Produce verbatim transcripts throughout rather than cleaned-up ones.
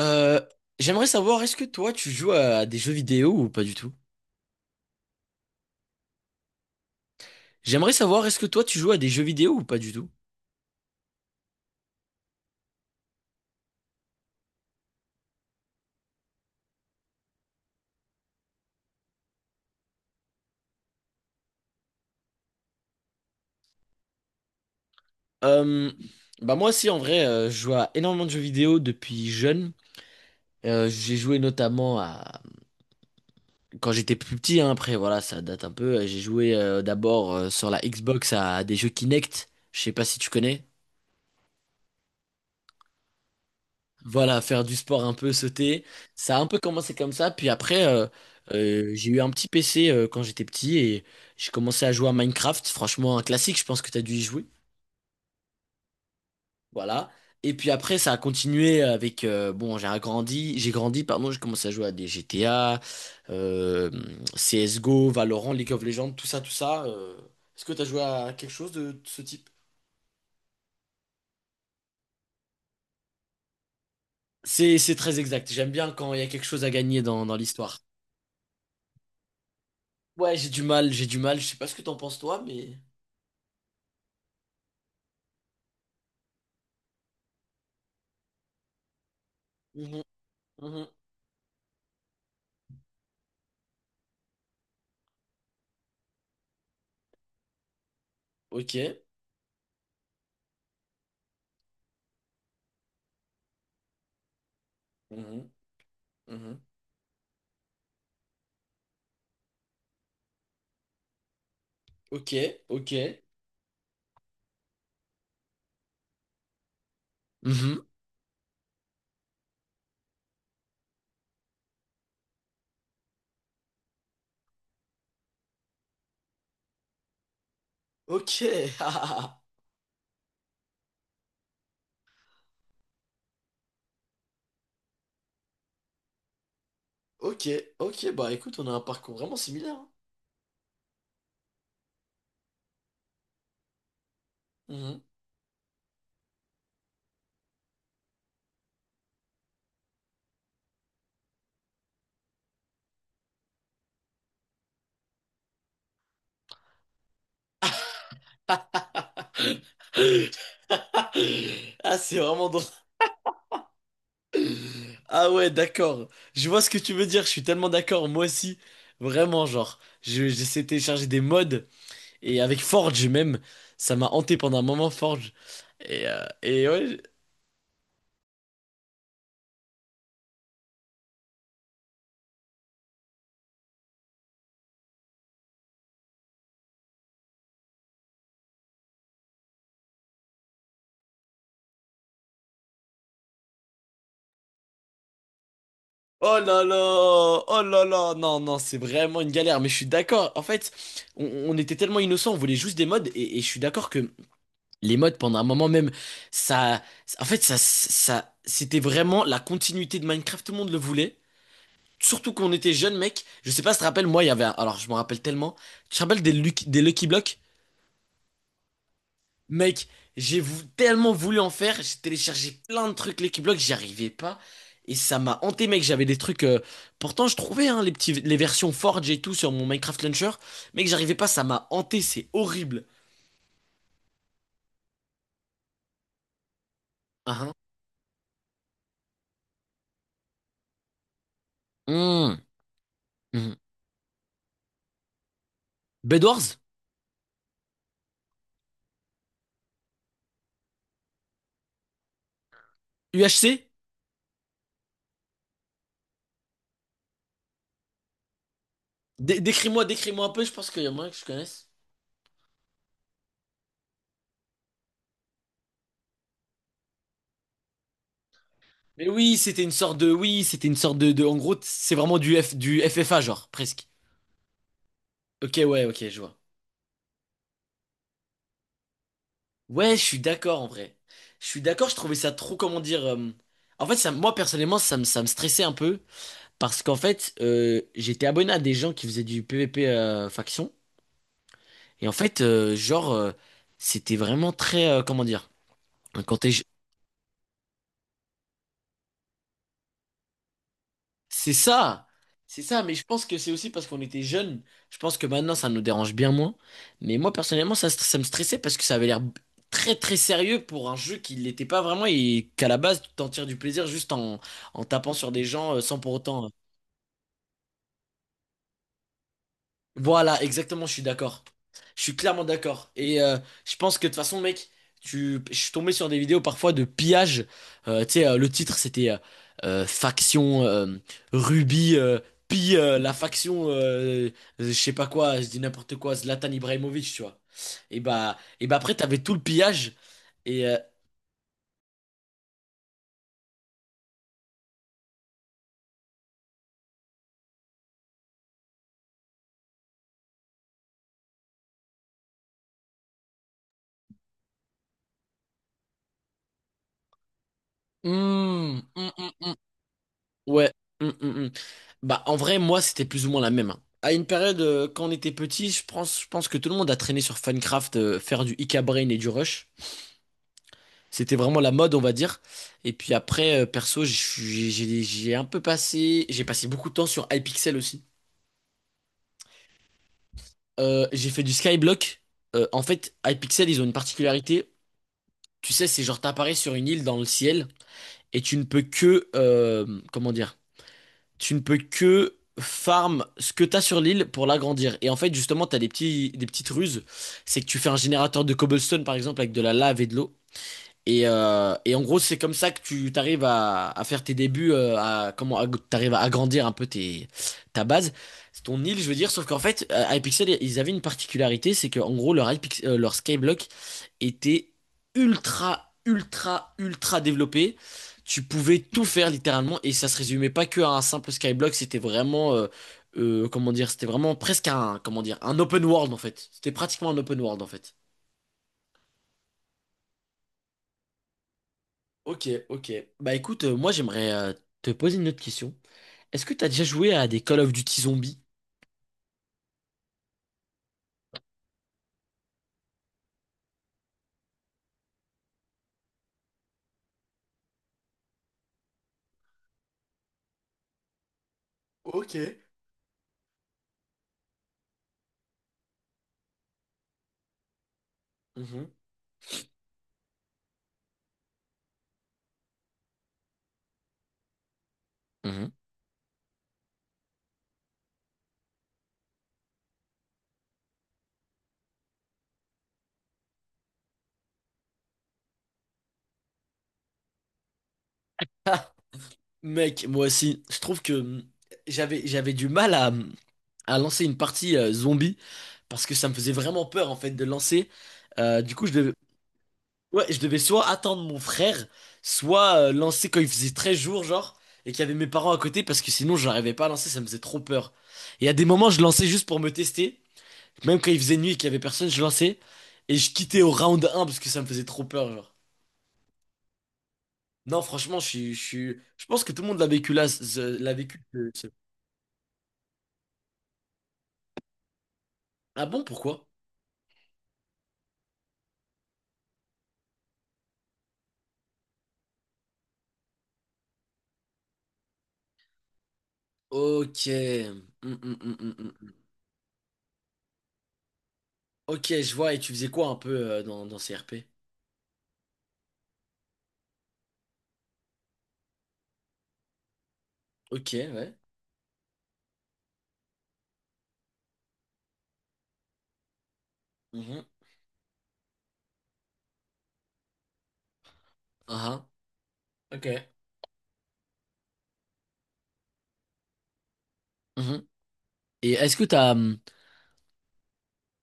Euh, J'aimerais savoir, est-ce que toi tu joues à des jeux vidéo ou pas du tout? J'aimerais savoir, est-ce que toi tu joues à des jeux vidéo ou pas du tout? Euh, Bah moi aussi en vrai, euh, je joue à énormément de jeux vidéo depuis jeune. Euh, j'ai joué notamment à quand j'étais plus petit, hein, après voilà, ça date un peu. J'ai joué euh, d'abord euh, sur la Xbox à, des jeux Kinect. Je sais pas si tu connais. Voilà, faire du sport un peu, sauter. Ça a un peu commencé comme ça. Puis après, euh, euh, j'ai eu un petit P C euh, quand j'étais petit et j'ai commencé à jouer à Minecraft. Franchement, un classique, je pense que tu as dû y jouer. Voilà. Et puis après, ça a continué avec... euh, bon, j'ai agrandi, j'ai grandi, pardon, j'ai commencé à jouer à des G T A, euh, C S G O, Valorant, League of Legends, tout ça, tout ça. euh. Est-ce que tu as joué à quelque chose de ce type? C'est, c'est très exact. J'aime bien quand il y a quelque chose à gagner dans dans l'histoire. Ouais, j'ai du mal, j'ai du mal. Je sais pas ce que t'en penses toi, mais. Mhm, mhm. Ok. Mhm, mhm. Ok, ok. Mhm. Ok. Ah, ok, ok. Bah écoute, on a un parcours vraiment similaire, hein. Mhm. Ah, c'est vraiment drôle. Ah ouais, d'accord. Je vois ce que tu veux dire. Je suis tellement d'accord. Moi aussi, vraiment, genre, je- j'essaie de télécharger des mods et avec Forge même, ça m'a hanté pendant un moment Forge. Et, euh, et ouais. Oh là là, oh là là, non, non, c'est vraiment une galère, mais je suis d'accord. En fait, on, on était tellement innocents, on voulait juste des modes, et, et je suis d'accord que les modes, pendant un moment même, ça, en fait, ça, ça, c'était vraiment la continuité de Minecraft, tout le monde le voulait. Surtout qu'on était jeunes, mec. Je sais pas si tu te rappelles, moi, il y avait, un- alors je me rappelle tellement. Tu te rappelles des, Lucky- des Lucky Blocks? Mec, j'ai vou- tellement voulu en faire, j'ai téléchargé plein de trucs les Block, j'y arrivais pas. Et ça m'a hanté, mec. J'avais des trucs. euh, Pourtant, je trouvais hein, les petits, les versions Forge et tout sur mon Minecraft Launcher. Mec, j'arrivais pas, ça m'a hanté, c'est horrible. Ah, hein. Mmh, mmh. Bedwars? U H C? Dé- décris-moi, décris-moi un peu, je pense qu'il y a moyen que je connaisse. Mais oui, c'était une sorte de. Oui, c'était une sorte de, de- en gros, c'est vraiment du, F, du F F A, genre, presque. Ok, ouais, ok, je vois. Ouais, je suis d'accord en vrai. Je suis d'accord, je trouvais ça trop, comment dire. euh, En fait, ça, moi personnellement, ça me, ça me stressait un peu parce qu'en fait, euh, j'étais abonné à des gens qui faisaient du PvP euh, faction et en fait, euh, genre, euh, c'était vraiment très, euh, comment dire, quand t'es, C'est ça, c'est ça, mais je pense que c'est aussi parce qu'on était jeunes. Je pense que maintenant ça nous dérange bien moins. Mais moi personnellement, ça, st- ça me stressait parce que ça avait l'air b- très très sérieux pour un jeu qui l'était pas vraiment et qu'à la base tu t'en tires du plaisir juste en, en tapant sur des gens euh, sans pour autant. Voilà, exactement, je suis d'accord. Je suis clairement d'accord. Et euh, je pense que de toute façon, mec, tu... je suis tombé sur des vidéos parfois de pillage. Euh, tu sais, euh, le titre, c'était euh, euh, Faction euh, Ruby euh, pille euh, la faction, euh, je sais pas quoi, je dis n'importe quoi, Zlatan Ibrahimovic, tu vois. Et bah, et bah après, t'avais tout le pillage. Et, euh, hmm, hmm, hmm, hmm. Ouais. Mm, mm, mm. Bah, en vrai, moi, c'était plus ou moins la même, hein. À une période, euh, quand on était petit, je pense, je pense que tout le monde a traîné sur Funcraft, euh, faire du Ika Brain et du Rush. C'était vraiment la mode, on va dire. Et puis après, euh, perso, je suis- j'ai j'ai- j'ai un peu passé, j'ai passé beaucoup de temps sur Hypixel aussi. Euh, j'ai fait du Skyblock. Euh, en fait, Hypixel, ils ont une particularité. Tu sais, c'est genre t'apparais sur une île dans le ciel et tu ne peux que, euh, comment dire? Tu ne peux que farm ce que t'as sur l'île pour l'agrandir. Et en fait, justement, t'as des petits, des petites ruses. C'est que tu fais un générateur de cobblestone, par exemple, avec de la lave et de l'eau. Et, euh, et en gros, c'est comme ça que tu t'arrives à, à faire tes débuts, euh, à comment à- t'arrives à agrandir un peu tes, ta base, c'est ton île, je veux dire. Sauf qu'en fait, euh, Hypixel, ils avaient une particularité, c'est qu'en gros, leur Hypix- euh, leur Skyblock était ultra, ultra, ultra développé. Tu pouvais tout faire littéralement, et ça se résumait pas que à un simple Skyblock. C'était vraiment, euh, euh, comment dire, c'était vraiment presque un, comment dire, un open world en fait. C'était pratiquement un open world en fait. Ok, ok. Bah écoute, euh, moi j'aimerais euh, te poser une autre question. Est-ce que t'as déjà joué à des Call of Duty zombies? Ok. Mhm. Mhm. Ah, mec, moi aussi, je trouve que hum, j'avais j'avais du mal à, hum, à lancer une partie euh, zombie parce que ça me faisait vraiment peur en fait de lancer. Euh, du coup, je devais, ouais, je devais soit attendre mon frère, soit euh, lancer quand il faisait treize jours, genre, et qu'il y avait mes parents à côté parce que sinon, j'arrivais pas à lancer, ça me faisait trop peur. Et à des moments, je lançais juste pour me tester. Même quand il faisait nuit et qu'il y avait personne, je lançais et je quittais au round un parce que ça me faisait trop peur, genre. Non, franchement, je suis, je suis- je pense que tout le monde l'a vécu là, ce- l'a vécu. ce- ce- Ah bon, pourquoi? Ok. Hum, hum, hum, hum, hum. Ok, je vois. Et tu faisais quoi un peu euh, dans, dans ces R P? Ok, ouais. Mhm. Ah ah. Ok. Mhm. Et est-ce que t'as, hum,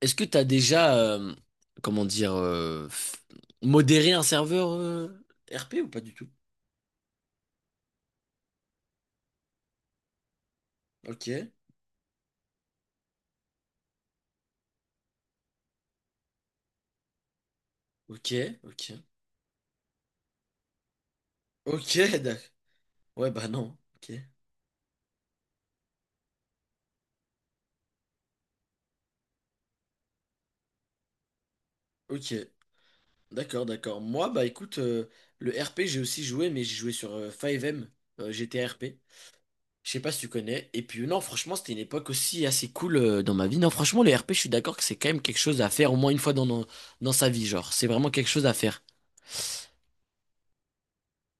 est-ce que t'as déjà, euh, comment dire, euh, f- modéré un serveur euh, R P ou pas du tout? Ok, ok, ok. Ok, d'accord. Ouais, bah non. Ok. Ok. D'accord, d'accord. Moi, bah écoute, euh, le R P, j'ai aussi joué, mais j'ai joué sur euh, five M, euh, G T R P. Je sais pas si tu connais. Et puis non, franchement, c'était une époque aussi assez cool euh, dans ma vie. Non, franchement, le R P, je suis d'accord que c'est quand même quelque chose à faire au moins une fois dans, dans, dans sa vie, genre. C'est vraiment quelque chose à faire.